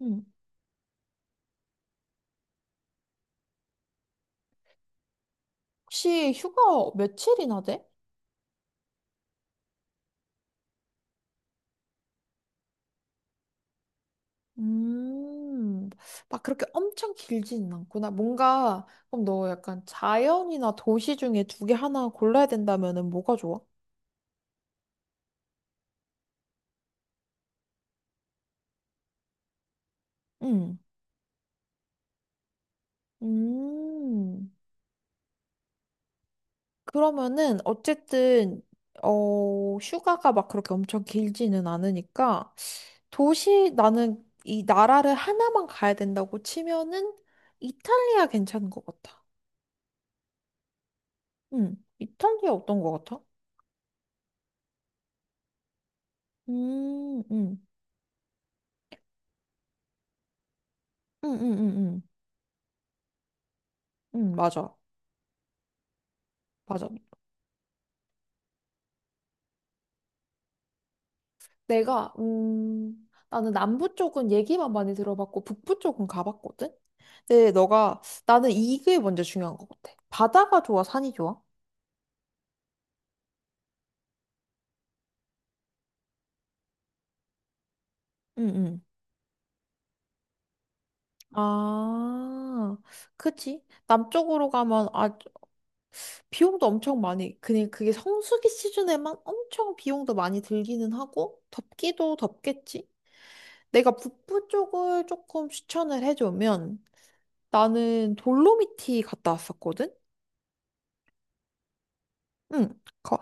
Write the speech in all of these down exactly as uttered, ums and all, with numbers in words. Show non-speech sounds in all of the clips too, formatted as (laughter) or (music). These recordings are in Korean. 음. 혹시 휴가 며칠이나 돼? 음, 막 그렇게 엄청 길지는 않구나. 뭔가, 그럼 너 약간 자연이나 도시 중에 두 개 하나 골라야 된다면은 뭐가 좋아? 음, 음. 그러면은, 어쨌든, 어, 휴가가 막 그렇게 엄청 길지는 않으니까, 도시, 나는 이 나라를 하나만 가야 된다고 치면은, 이탈리아 괜찮은 것 같아. 음, 이탈리아 어떤 것 같아? 음, 음, 음, 음, 음, 음, 음, 맞아, 맞아. 내가, 음, 나는 남부 쪽은 얘기만 많이 들어봤고, 북부 쪽은 가봤거든? 근데 너가, 나는 이게 먼저 중요한 것 같아. 바다가 좋아, 산이 좋아? 응, 응. 아, 그치. 남쪽으로 가면, 아, 비용도 엄청 많이, 그냥 그게 성수기 시즌에만 엄청 비용도 많이 들기는 하고, 덥기도 덥겠지? 내가 북부 쪽을 조금 추천을 해주면, 나는 돌로미티 갔다 왔었거든? 응, 거,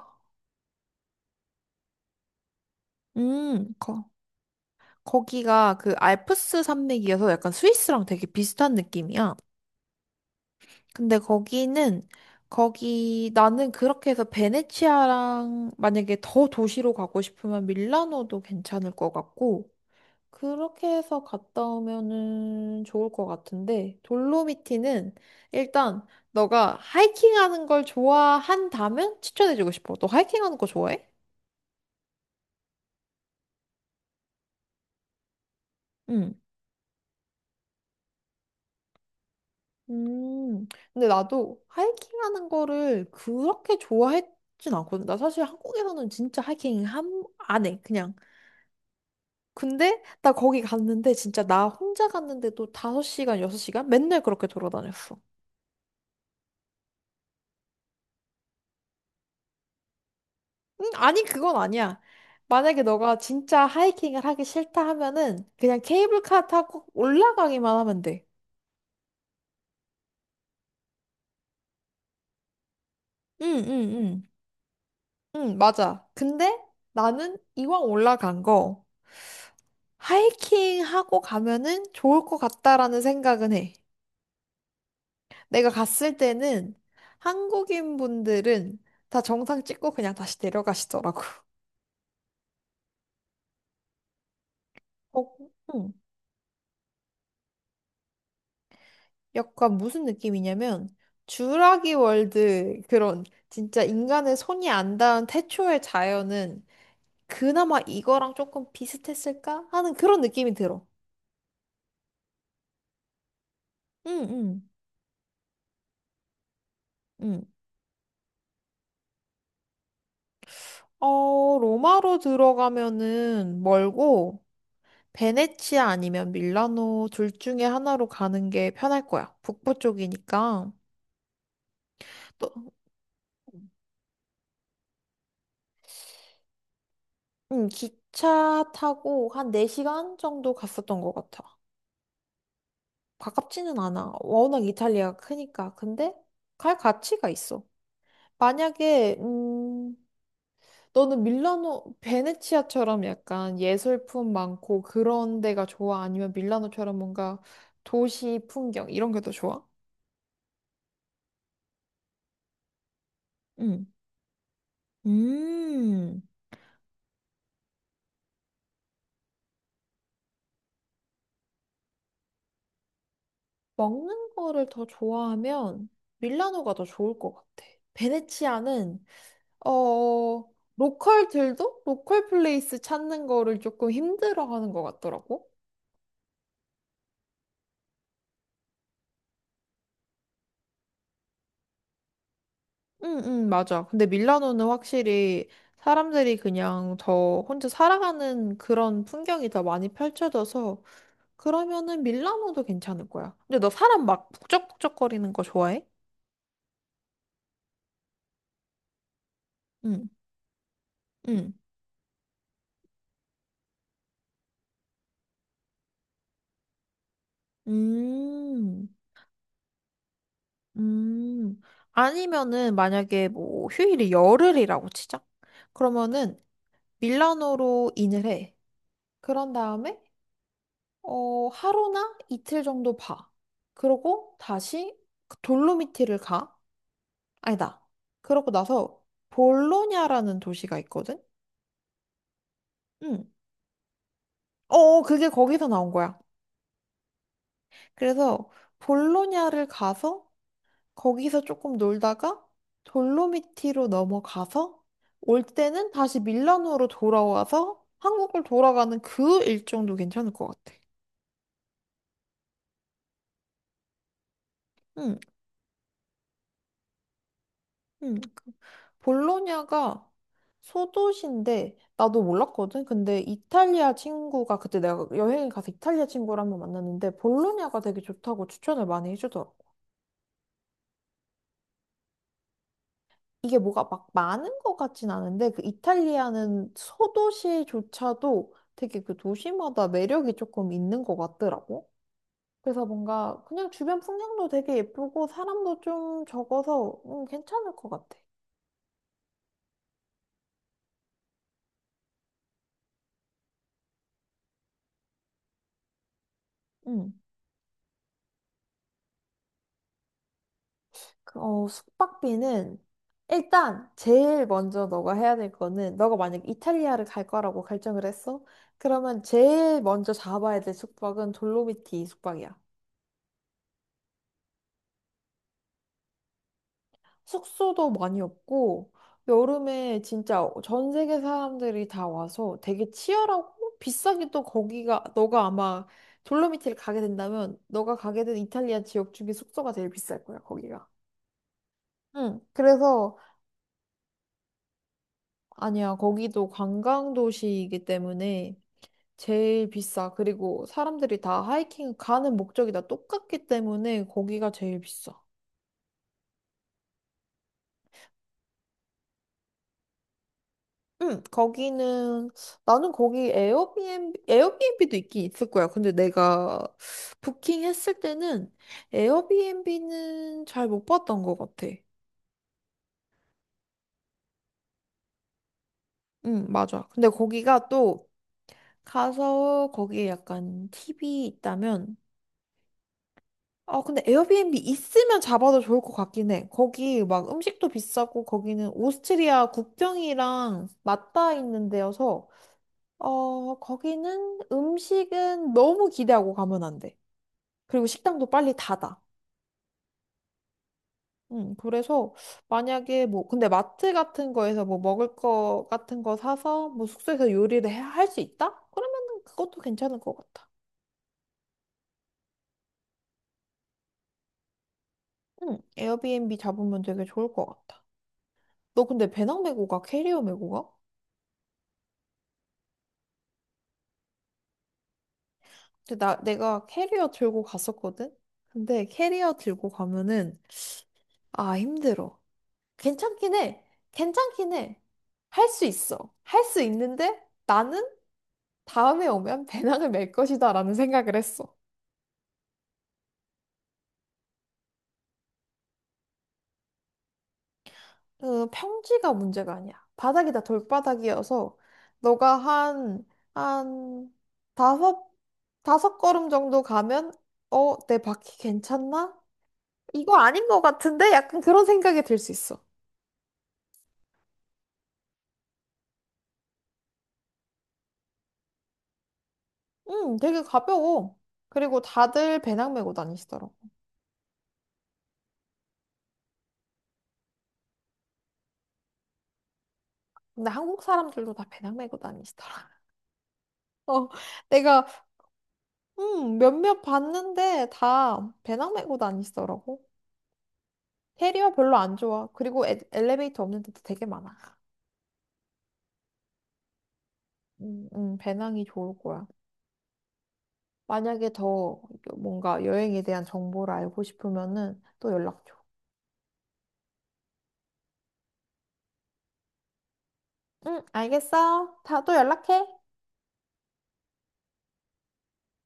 음, 거. 거기가 그 알프스 산맥이어서 약간 스위스랑 되게 비슷한 느낌이야. 근데 거기는, 거기, 나는 그렇게 해서 베네치아랑 만약에 더 도시로 가고 싶으면 밀라노도 괜찮을 것 같고, 그렇게 해서 갔다 오면은 좋을 것 같은데, 돌로미티는 일단 너가 하이킹하는 걸 좋아한다면 추천해주고 싶어. 너 하이킹하는 거 좋아해? 응. 음, 근데 나도 하이킹 하는 거를 그렇게 좋아했진 않거든. 나 사실 한국에서는 진짜 하이킹 한, 안 해, 그냥. 근데 나 거기 갔는데 진짜 나 혼자 갔는데도 다섯 시간, 여섯 시간 맨날 그렇게 돌아다녔어. 음, 아니, 그건 아니야. 만약에 너가 진짜 하이킹을 하기 싫다 하면은 그냥 케이블카 타고 올라가기만 하면 돼. 응, 응, 응. 응, 맞아. 근데 나는 이왕 올라간 거 하이킹 하고 가면은 좋을 것 같다라는 생각은 해. 내가 갔을 때는 한국인 분들은 다 정상 찍고 그냥 다시 내려가시더라고. 어, 응. 약간 무슨 느낌이냐면 주라기 월드 그런 진짜 인간의 손이 안 닿은 태초의 자연은 그나마 이거랑 조금 비슷했을까 하는 그런 느낌이 들어. 응, 응, 응. 어, 로마로 들어가면은 멀고 베네치아 아니면 밀라노 둘 중에 하나로 가는 게 편할 거야. 북부 쪽이니까. 또, 음, 기차 타고 한 네 시간 정도 갔었던 것 같아. 가깝지는 않아. 워낙 이탈리아가 크니까. 근데 갈 가치가 있어. 만약에, 음, 너는 밀라노, 베네치아처럼 약간 예술품 많고 그런 데가 좋아? 아니면 밀라노처럼 뭔가 도시 풍경 이런 게 더 좋아? 응. 음. 먹는 거를 더 좋아하면 밀라노가 더 좋을 것 같아. 베네치아는 어 로컬들도 로컬 플레이스 찾는 거를 조금 힘들어하는 것 같더라고. 응, 응, 맞아. 근데 밀라노는 확실히 사람들이 그냥 더 혼자 살아가는 그런 풍경이 더 많이 펼쳐져서 그러면은 밀라노도 괜찮을 거야. 근데 너 사람 막 북적북적거리는 거 좋아해? 응, 응. 음. 음, 아니면은 만약에 뭐 휴일이 열흘이라고 치자. 그러면은 밀라노로 인을 해. 그런 다음에 어, 하루나 이틀 정도 봐. 그러고 다시 그 돌로미티를 가. 아니다. 그러고 나서 볼로냐라는 도시가 있거든. 응. 어, 그게 거기서 나온 거야. 그래서 볼로냐를 가서 거기서 조금 놀다가 돌로미티로 넘어가서 올 때는 다시 밀라노로 돌아와서 한국을 돌아가는 그 일정도 괜찮을 것 같아. 응, 응. 볼로냐가 소도시인데 나도 몰랐거든. 근데 이탈리아 친구가 그때 내가 여행을 가서 이탈리아 친구를 한 번 만났는데 볼로냐가 되게 좋다고 추천을 많이 해주더라고. 이게 뭐가 막 많은 것 같진 않은데 그 이탈리아는 소도시조차도 되게 그 도시마다 매력이 조금 있는 것 같더라고. 그래서 뭔가 그냥 주변 풍경도 되게 예쁘고 사람도 좀 적어서 음, 괜찮을 것 같아. 음. 그, 어, 숙박비는 일단 제일 먼저 너가 해야 될 거는 너가 만약 이탈리아를 갈 거라고 결정을 했어? 그러면 제일 먼저 잡아야 될 숙박은 돌로미티 숙박이야. 숙소도 많이 없고 여름에 진짜 전 세계 사람들이 다 와서 되게 치열하고 비싸게 또 거기가 너가 아마 돌로미티를 가게 된다면 너가 가게 된 이탈리아 지역 중에 숙소가 제일 비쌀 거야 거기가. 응. 그래서 아니야 거기도 관광 도시이기 때문에 제일 비싸. 그리고 사람들이 다 하이킹 가는 목적이 다 똑같기 때문에 거기가 제일 비싸. 응, 거기는 나는 거기 에어비앤비 에어비앤비도 있긴 있을 거야. 근데 내가 부킹했을 때는 에어비앤비는 잘 못 봤던 것 같아. 응, 맞아. 근데 거기가 또 가서 거기에 약간 팁이 있다면 아, 근데 에어비앤비 있으면 잡아도 좋을 것 같긴 해. 거기 막 음식도 비싸고 거기는 오스트리아 국경이랑 맞닿아 있는 데여서 어, 거기는 음식은 너무 기대하고 가면 안 돼. 그리고 식당도 빨리 닫아. 음, 그래서 만약에 뭐, 근데 마트 같은 거에서 뭐 먹을 거 같은 거 사서 뭐 숙소에서 요리를 할 수 있다? 그러면은 그것도 괜찮을 것 같아. 음, 에어비앤비 잡으면 되게 좋을 것 같아. 너 근데 배낭 메고 가? 캐리어 메고 가? 근데 나, 내가 캐리어 들고 갔었거든? 근데 캐리어 들고 가면은, 아, 힘들어. 괜찮긴 해. 괜찮긴 해. 할 수 있어. 할 수 있는데 나는 다음에 오면 배낭을 멜 것이다 라는 생각을 했어. 그 평지가 문제가 아니야. 바닥이 다 돌바닥이어서 너가 한, 한 다섯, 다섯 걸음 정도 가면 어, 내 바퀴 괜찮나? 이거 아닌 것 같은데? 약간 그런 생각이 들 수 있어. 음, 되게 가벼워. 그리고 다들 배낭 메고 다니시더라고. 근데 한국 사람들도 다 배낭 메고 다니시더라. (laughs) 어, 내가 음, 몇몇 봤는데 다 배낭 메고 다니시더라고. 테리어 별로 안 좋아. 그리고 에- 엘리베이터 없는 데도 되게 많아. 음, 음, 배낭이 좋을 거야. 만약에 더 뭔가 여행에 대한 정보를 알고 싶으면은 또 연락 줘. 응, 알겠어. 다 또 연락해.